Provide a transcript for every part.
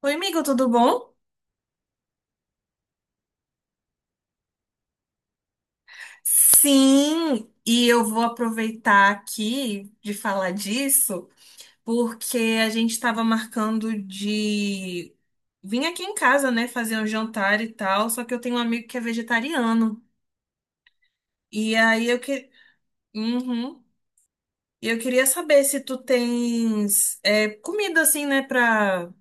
Oi, amigo, tudo bom? Sim, e eu vou aproveitar aqui de falar disso, porque a gente estava marcando de vir aqui em casa, né, fazer um jantar e tal, só que eu tenho um amigo que é vegetariano. E aí eu que... Uhum. E eu queria saber se tu tens comida assim, né, pra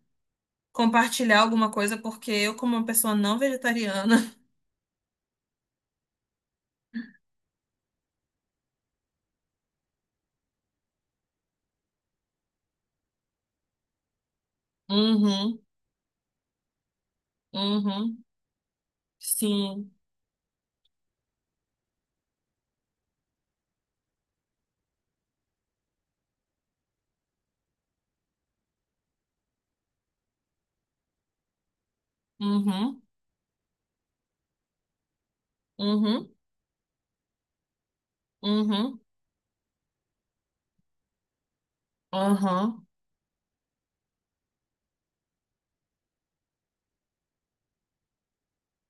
compartilhar alguma coisa, porque eu, como uma pessoa não vegetariana. Uhum, uhum, sim, uhum, uhum. Uhum, uhum,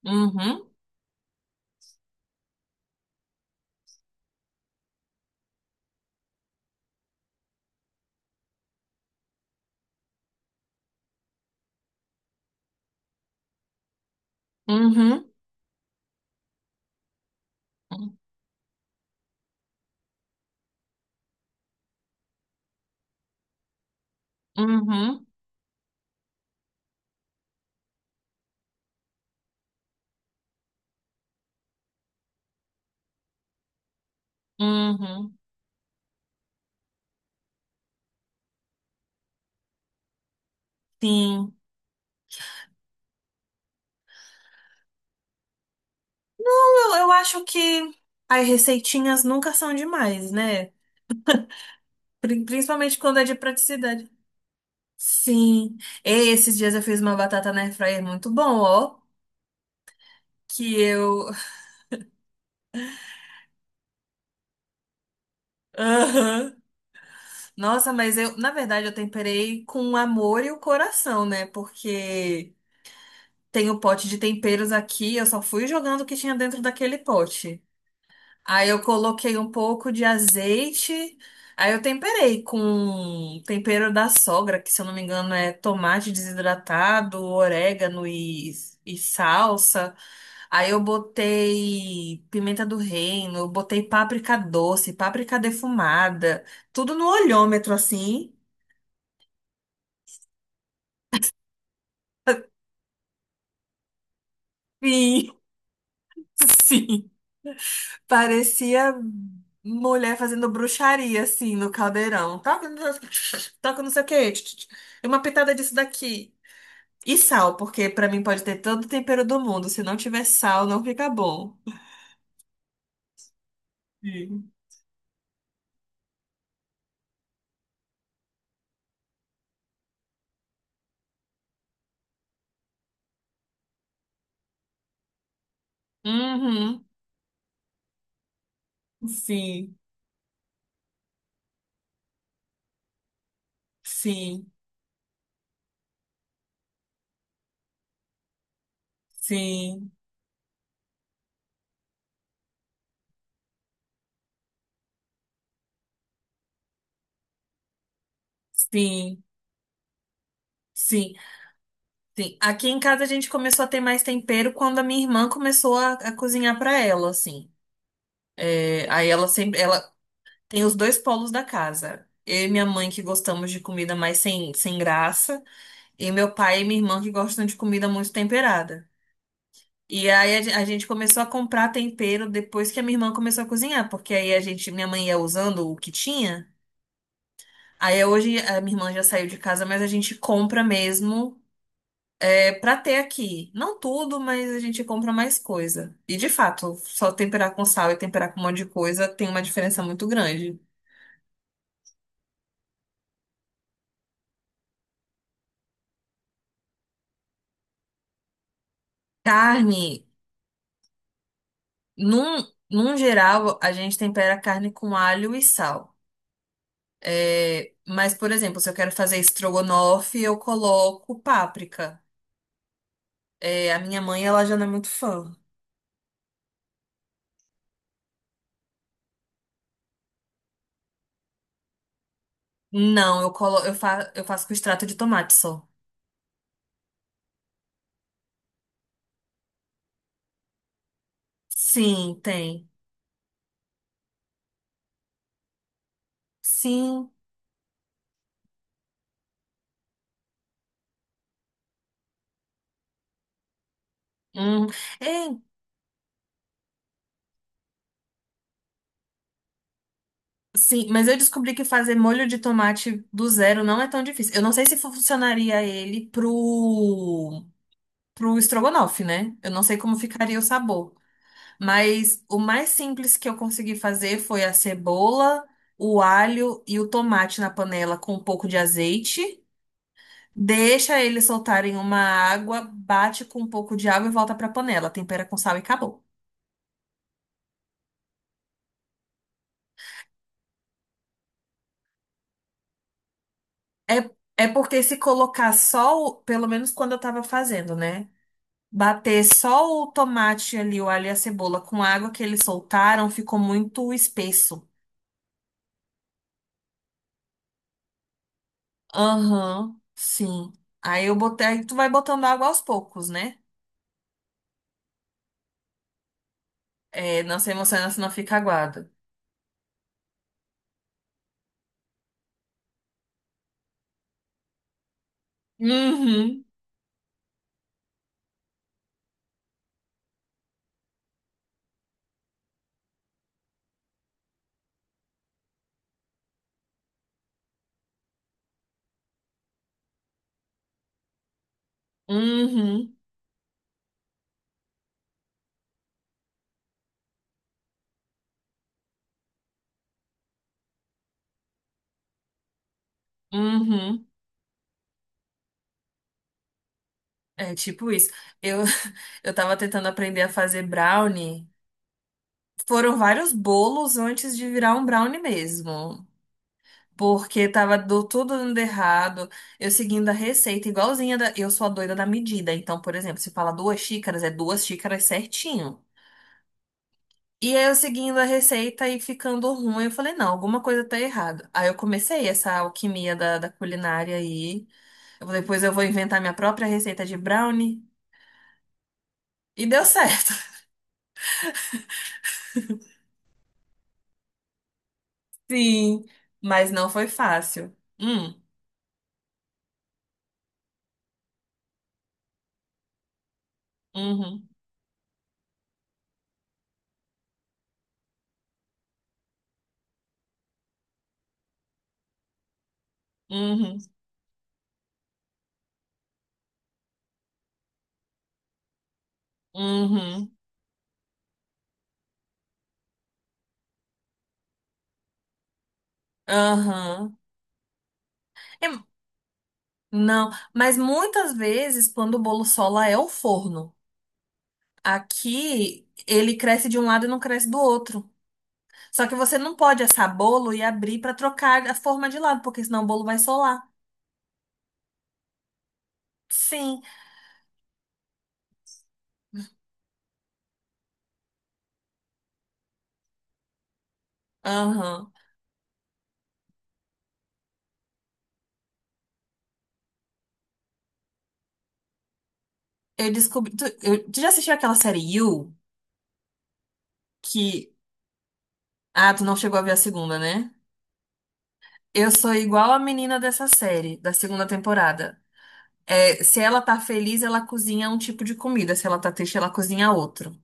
uhum, uhum, uhum, uhum, sim. Eu acho que as receitinhas nunca são demais, né? Principalmente quando é de praticidade. Sim. E esses dias eu fiz uma batata na airfryer muito bom, ó. Que eu. Aham. Nossa, mas eu, na verdade, eu temperei com o amor e o coração, né? Porque tem o pote de temperos aqui, eu só fui jogando o que tinha dentro daquele pote. Aí eu coloquei um pouco de azeite. Aí eu temperei com tempero da sogra, que se eu não me engano é tomate desidratado, orégano e salsa. Aí eu botei pimenta do reino, eu botei páprica doce, páprica defumada, tudo no olhômetro assim. Sim, sim. Parecia mulher fazendo bruxaria assim no caldeirão. Toca, toca não sei o quê. E uma pitada disso daqui. E sal, porque pra mim pode ter todo o tempero do mundo. Se não tiver sal, não fica bom. Sim. Uhum. Sim, sim, sim, sim, sim, sim. Aqui em casa a gente começou a ter mais tempero quando a minha irmã começou a cozinhar pra ela, assim. É, aí ela sempre, ela tem os dois polos da casa. Eu e minha mãe que gostamos de comida mais sem graça, e meu pai e minha irmã que gostam de comida muito temperada. E aí a gente começou a comprar tempero depois que a minha irmã começou a cozinhar, porque aí a gente, minha mãe ia usando o que tinha. Aí hoje a minha irmã já saiu de casa, mas a gente compra mesmo, é para ter aqui. Não tudo, mas a gente compra mais coisa. E de fato, só temperar com sal e temperar com um monte de coisa tem uma diferença muito grande. Carne, num, num geral, a gente tempera a carne com alho e sal. É, mas, por exemplo, se eu quero fazer estrogonofe, eu coloco páprica. É, a minha mãe, ela já não é muito fã. Não, eu colo, eu fa, eu faço com extrato de tomate só. Sim, tem. Sim. Hum. É, sim, mas eu descobri que fazer molho de tomate do zero não é tão difícil. Eu não sei se funcionaria ele pro estrogonofe, né? Eu não sei como ficaria o sabor, mas o mais simples que eu consegui fazer foi a cebola, o alho e o tomate na panela com um pouco de azeite. Deixa eles soltarem uma água, bate com um pouco de água e volta pra panela. Tempera com sal e acabou. É, é porque se colocar só, pelo menos quando eu tava fazendo, né? Bater só o tomate ali, o alho e a cebola com a água que eles soltaram, ficou muito espesso. Aham, sim. Aí eu botei, aí tu vai botando água aos poucos, né? É, não se emociona, senão fica aguado. Uhum, uhum, uhum. É tipo isso. Eu, eu tava tentando aprender a fazer brownie. Foram vários bolos antes de virar um brownie mesmo. Porque tava tudo dando errado. Eu seguindo a receita igualzinha. Eu sou a doida da medida. Então, por exemplo, se fala 2 xícaras, é 2 xícaras certinho. E aí eu seguindo a receita e ficando ruim, eu falei, não, alguma coisa tá errada. Aí eu comecei essa alquimia da culinária aí. Eu falei, depois eu vou inventar minha própria receita de brownie. E deu certo. Sim, mas não foi fácil. Uhum, uhum, uhum, aham. É, não, mas muitas vezes quando o bolo sola é o forno. Aqui ele cresce de um lado e não cresce do outro. Só que você não pode assar bolo e abrir para trocar a forma de lado, porque senão o bolo vai solar. Sim, aham. Eu descobri. Tu já assistiu aquela série You? Que. Ah, tu não chegou a ver a segunda, né? Eu sou igual a menina dessa série, da segunda temporada. É, se ela tá feliz, ela cozinha um tipo de comida. Se ela tá triste, ela cozinha outro.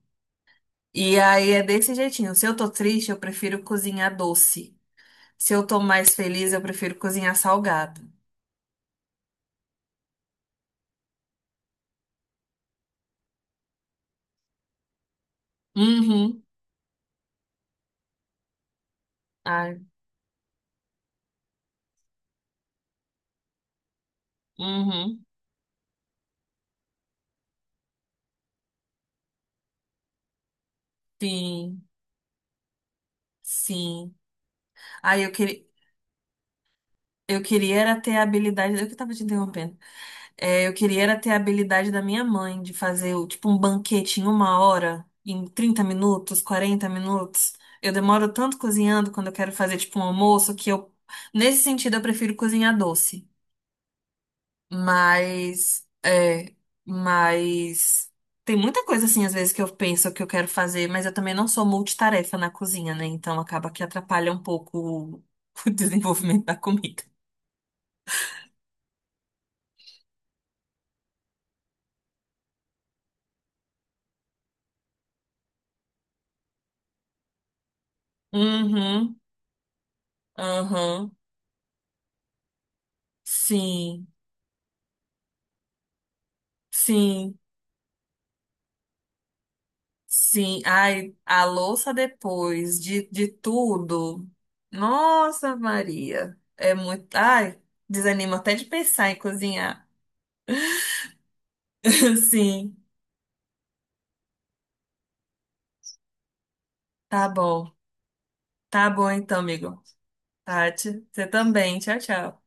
E aí é desse jeitinho. Se eu tô triste, eu prefiro cozinhar doce. Se eu tô mais feliz, eu prefiro cozinhar salgado. Uhum. Ai, uhum. Sim, sim. Ai, eu queria era ter a habilidade. Eu que tava te interrompendo. É, eu queria era ter a habilidade da minha mãe de fazer tipo um banquete em 1 hora, em 30 minutos, 40 minutos. Eu demoro tanto cozinhando quando eu quero fazer tipo um almoço que eu, nesse sentido, eu prefiro cozinhar doce. Mas, é, mas tem muita coisa assim às vezes que eu penso que eu quero fazer, mas eu também não sou multitarefa na cozinha, né? Então acaba que atrapalha um pouco o o desenvolvimento da comida. Uhum, uhum, sim. Sim, sim, ai, a louça depois de tudo. Nossa, Maria. É muito. Ai, desanima até de pensar em cozinhar. Sim, tá bom. Tá bom então, amigo. Tati, você também. Tchau, tchau.